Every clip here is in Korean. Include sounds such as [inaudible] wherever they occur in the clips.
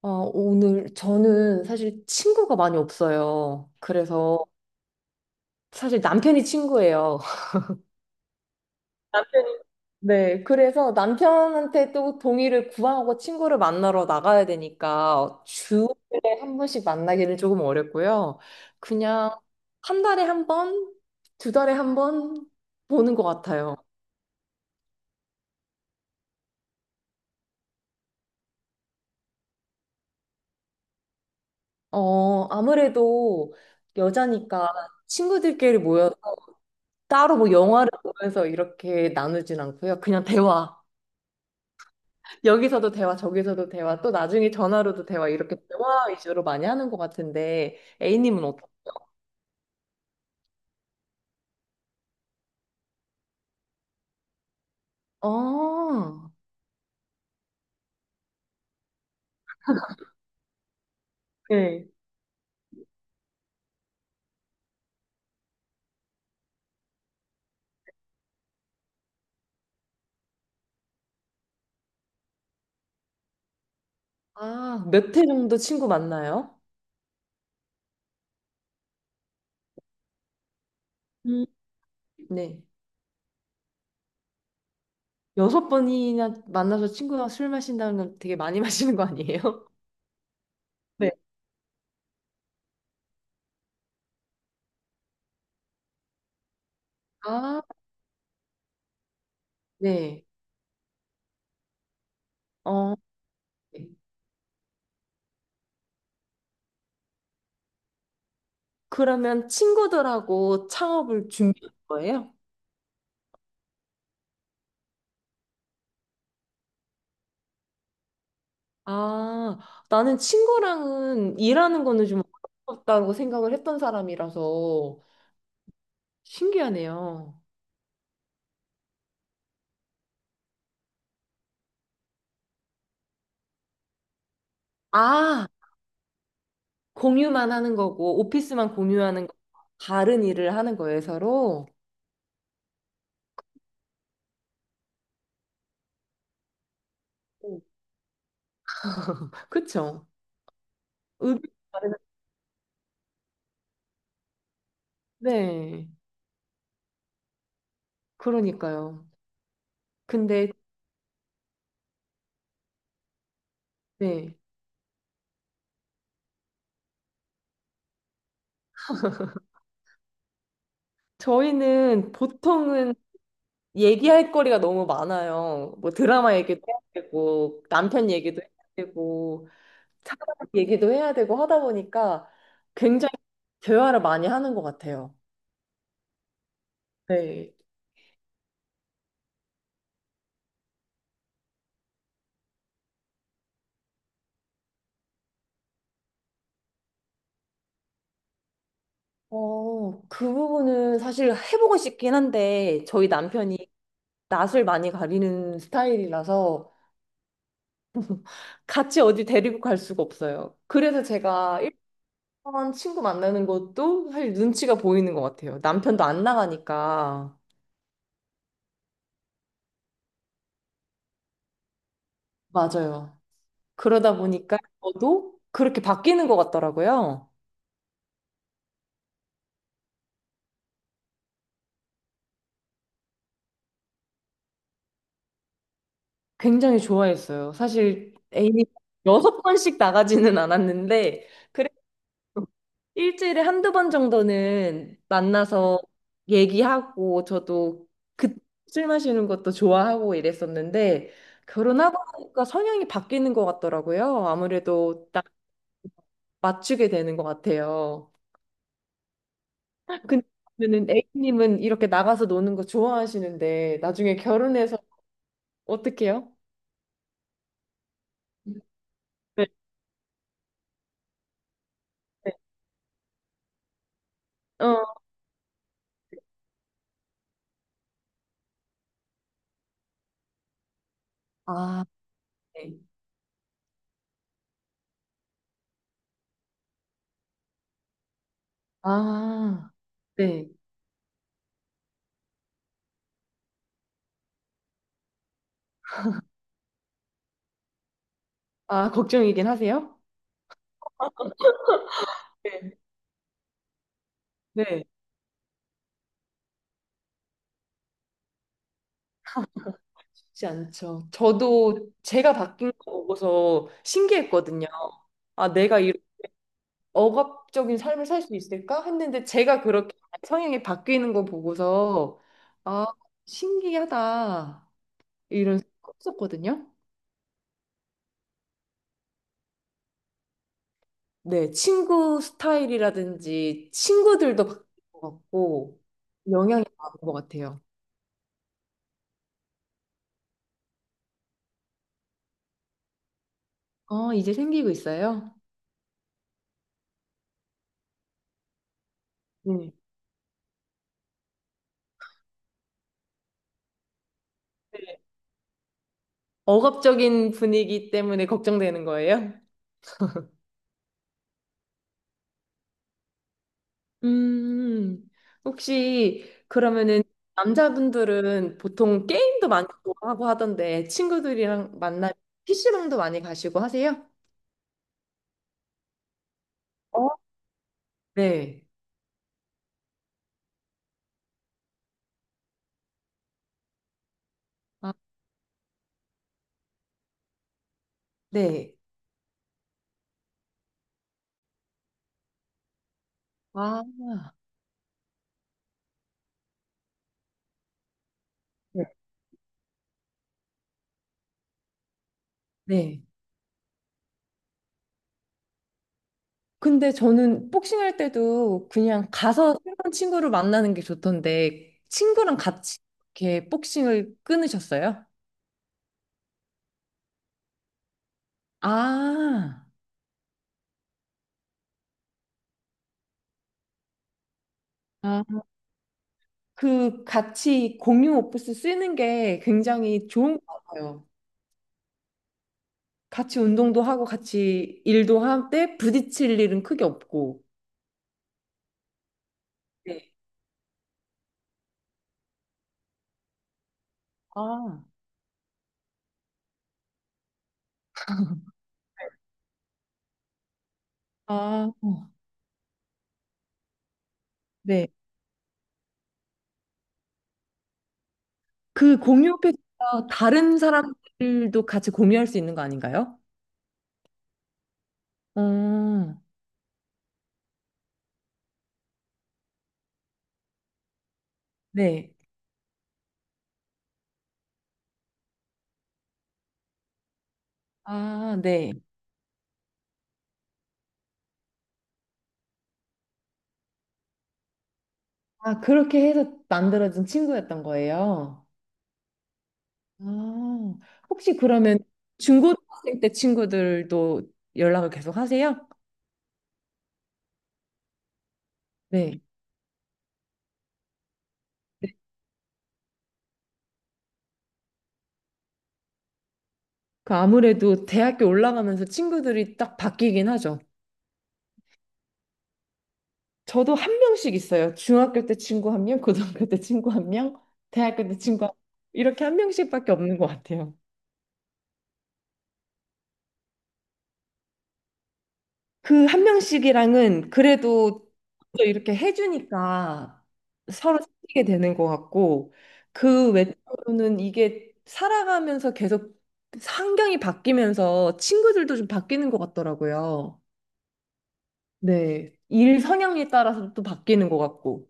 어, 오늘 저는 사실 친구가 많이 없어요. 그래서 사실 남편이 친구예요. [laughs] 남편이? 네, 그래서 남편한테 또 동의를 구하고 친구를 만나러 나가야 되니까 주에 한 번씩 만나기는 조금 어렵고요. 그냥 한 달에 한 번, 두 달에 한 번 보는 것 같아요. 어, 아무래도 여자니까 친구들끼리 모여 따로 뭐 영화를 보면서 이렇게 나누진 않고요. 그냥 대화. 여기서도 대화, 저기서도 대화, 또 나중에 전화로도 대화 이렇게 대화 위주로 많이 하는 것 같은데 A님은 어떠세요? 아, 네. 아, 몇 회 정도 친구 만나요? 음. 네. 6번이나 만나서 친구랑 술 마신다는 건 되게 많이 [laughs] 마시는 거 아니에요? 네. 아, 네. 어, 네. 그러면 친구들하고 창업을 준비할 거예요? 아, 나는 친구랑은 일하는 거는 좀 어렵다고 생각을 했던 사람이라서 신기하네요. 아, 공유만 하는 거고, 오피스만 공유하는 거, 다른 일을 하는 거예요, 서로. 오. 그쵸? 의견 다른, 네. 그러니까요. 근데, 네. 저희는 보통은 얘기할 거리가 너무 많아요. 뭐 드라마 얘기도 해야 되고, 남편 얘기도 해야 되고, 사람 얘기도 해야 되고 하다 보니까 굉장히 대화를 많이 하는 것 같아요. 네. 어, 그 부분은 사실 해보고 싶긴 한데, 저희 남편이 낯을 많이 가리는 스타일이라서 같이 어디 데리고 갈 수가 없어요. 그래서 제가 일본 친구 만나는 것도 사실 눈치가 보이는 것 같아요. 남편도 안 나가니까. 맞아요. 그러다 보니까 저도 그렇게 바뀌는 것 같더라고요. 굉장히 좋아했어요. 사실 애인이 6번씩 나가지는 않았는데, 일주일에 1~2번 정도는 만나서 얘기하고 저도 그 술 마시는 것도 좋아하고 이랬었는데 결혼하고 나니까 성향이 바뀌는 것 같더라고요. 아무래도 딱 맞추게 되는 것 같아요. 근데 그러면은 A님은 이렇게 나가서 노는 거 좋아하시는데 나중에 결혼해서 어떡해요? 네. 네. 어. 아, 네. 아, 네. 아, 걱정이긴 하세요? 네. 네. 쉽지 않죠. 저도 제가 바뀐 거 보고서 신기했거든요. 아, 내가 이런 억압적인 삶을 살 수 있을까? 했는데 제가 그렇게 성향이 바뀌는 거 보고서 아, 신기하다. 이런 생각 했었거든요. 네, 친구 스타일이라든지 친구들도 바뀐 것 같고 영향이 많은 것 같아요. 어, 이제 생기고 있어요? 네. 네. 억압적인 분위기 때문에 걱정되는 거예요? 음, 혹시 그러면은 남자분들은 보통 게임도 많이 좋아하고 하던데 친구들이랑 만나면 PC방도 많이 가시고 하세요? 어? 네. 아, 네. 아, 네. 네. 근데 저는 복싱할 때도 그냥 가서 새로운 친구를 만나는 게 좋던데 친구랑 같이 이렇게 복싱을 끊으셨어요? 아, 아, 그 같이 공유 오프스 쓰는 게 굉장히 좋은 것 같아요. 같이 운동도 하고 같이 일도 할 때 부딪힐 일은 크게 없고. 네. 아, 아, 어, 네. 그 공유 패드가 다른 사람들도 같이 공유할 수 있는 거 아닌가요? 음, 네. 아, 네. 아, 그렇게 해서 만들어진 친구였던 거예요. 아, 혹시 그러면 중고등학생 때 친구들도 연락을 계속 하세요? 네. 그 아무래도 대학교 올라가면서 친구들이 딱 바뀌긴 하죠. 저도 한 명씩 있어요. 중학교 때 친구 한 명, 고등학교 때 친구 한 명, 대학교 때 친구 한 명. 이렇게 한 명씩밖에 없는 것 같아요. 그 한 명씩이랑은 그래도 또 이렇게 해주니까 서로 사귀게 되는 것 같고 그 외로는 이게 살아가면서 계속 환경이 바뀌면서 친구들도 좀 바뀌는 것 같더라고요. 네. 일 성향에 따라서 또 바뀌는 것 같고.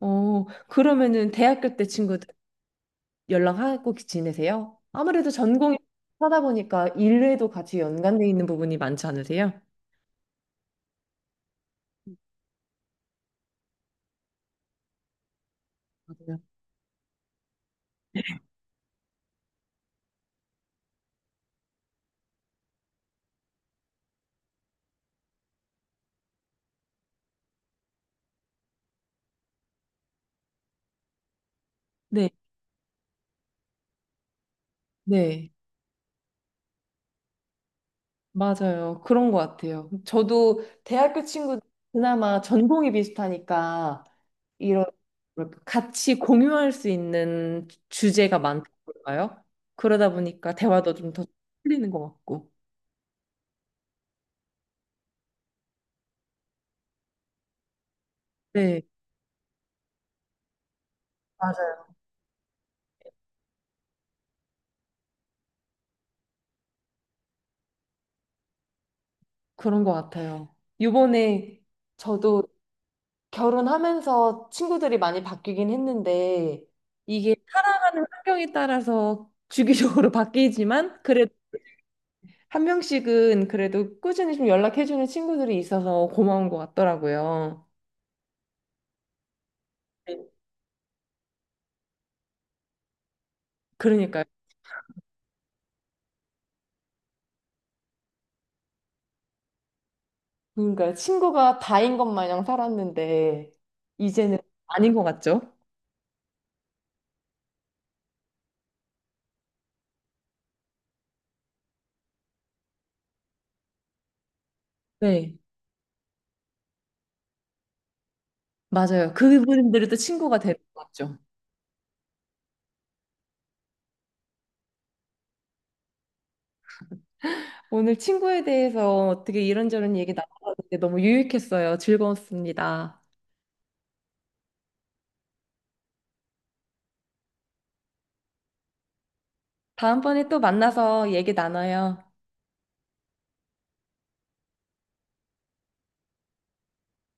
어, 그러면은 대학교 때 친구들 연락하고 지내세요? 아무래도 전공이 하다 보니까 일에도 같이 연관돼 있는 부분이 많지 않으세요? 맞아요. 네, 네, 맞아요. 그런 것 같아요. 저도 대학교 친구 그나마 전공이 비슷하니까 이런 뭐랄까, 같이 공유할 수 있는 주제가 많다고 할까요? 그러다 보니까 대화도 좀 더 풀리는 것 같고. 네, 맞아요. 그런 것 같아요. 요번에 저도 결혼하면서 친구들이 많이 바뀌긴 했는데 이게 살아가는 환경에 따라서 주기적으로 [laughs] 바뀌지만 그래도 한 명씩은 그래도 꾸준히 좀 연락해주는 친구들이 있어서 고마운 것 같더라고요. 네. 그러니까요. 그러니까 친구가 다인 것 마냥 살았는데 이제는 아닌 것 같죠? 네, 맞아요. 그분들이 또 친구가 되는 것 같죠. 오늘 친구에 대해서 어떻게 이런저런 얘기 나눠봤는데 너무 유익했어요. 즐거웠습니다. 다음번에 또 만나서 얘기 나눠요.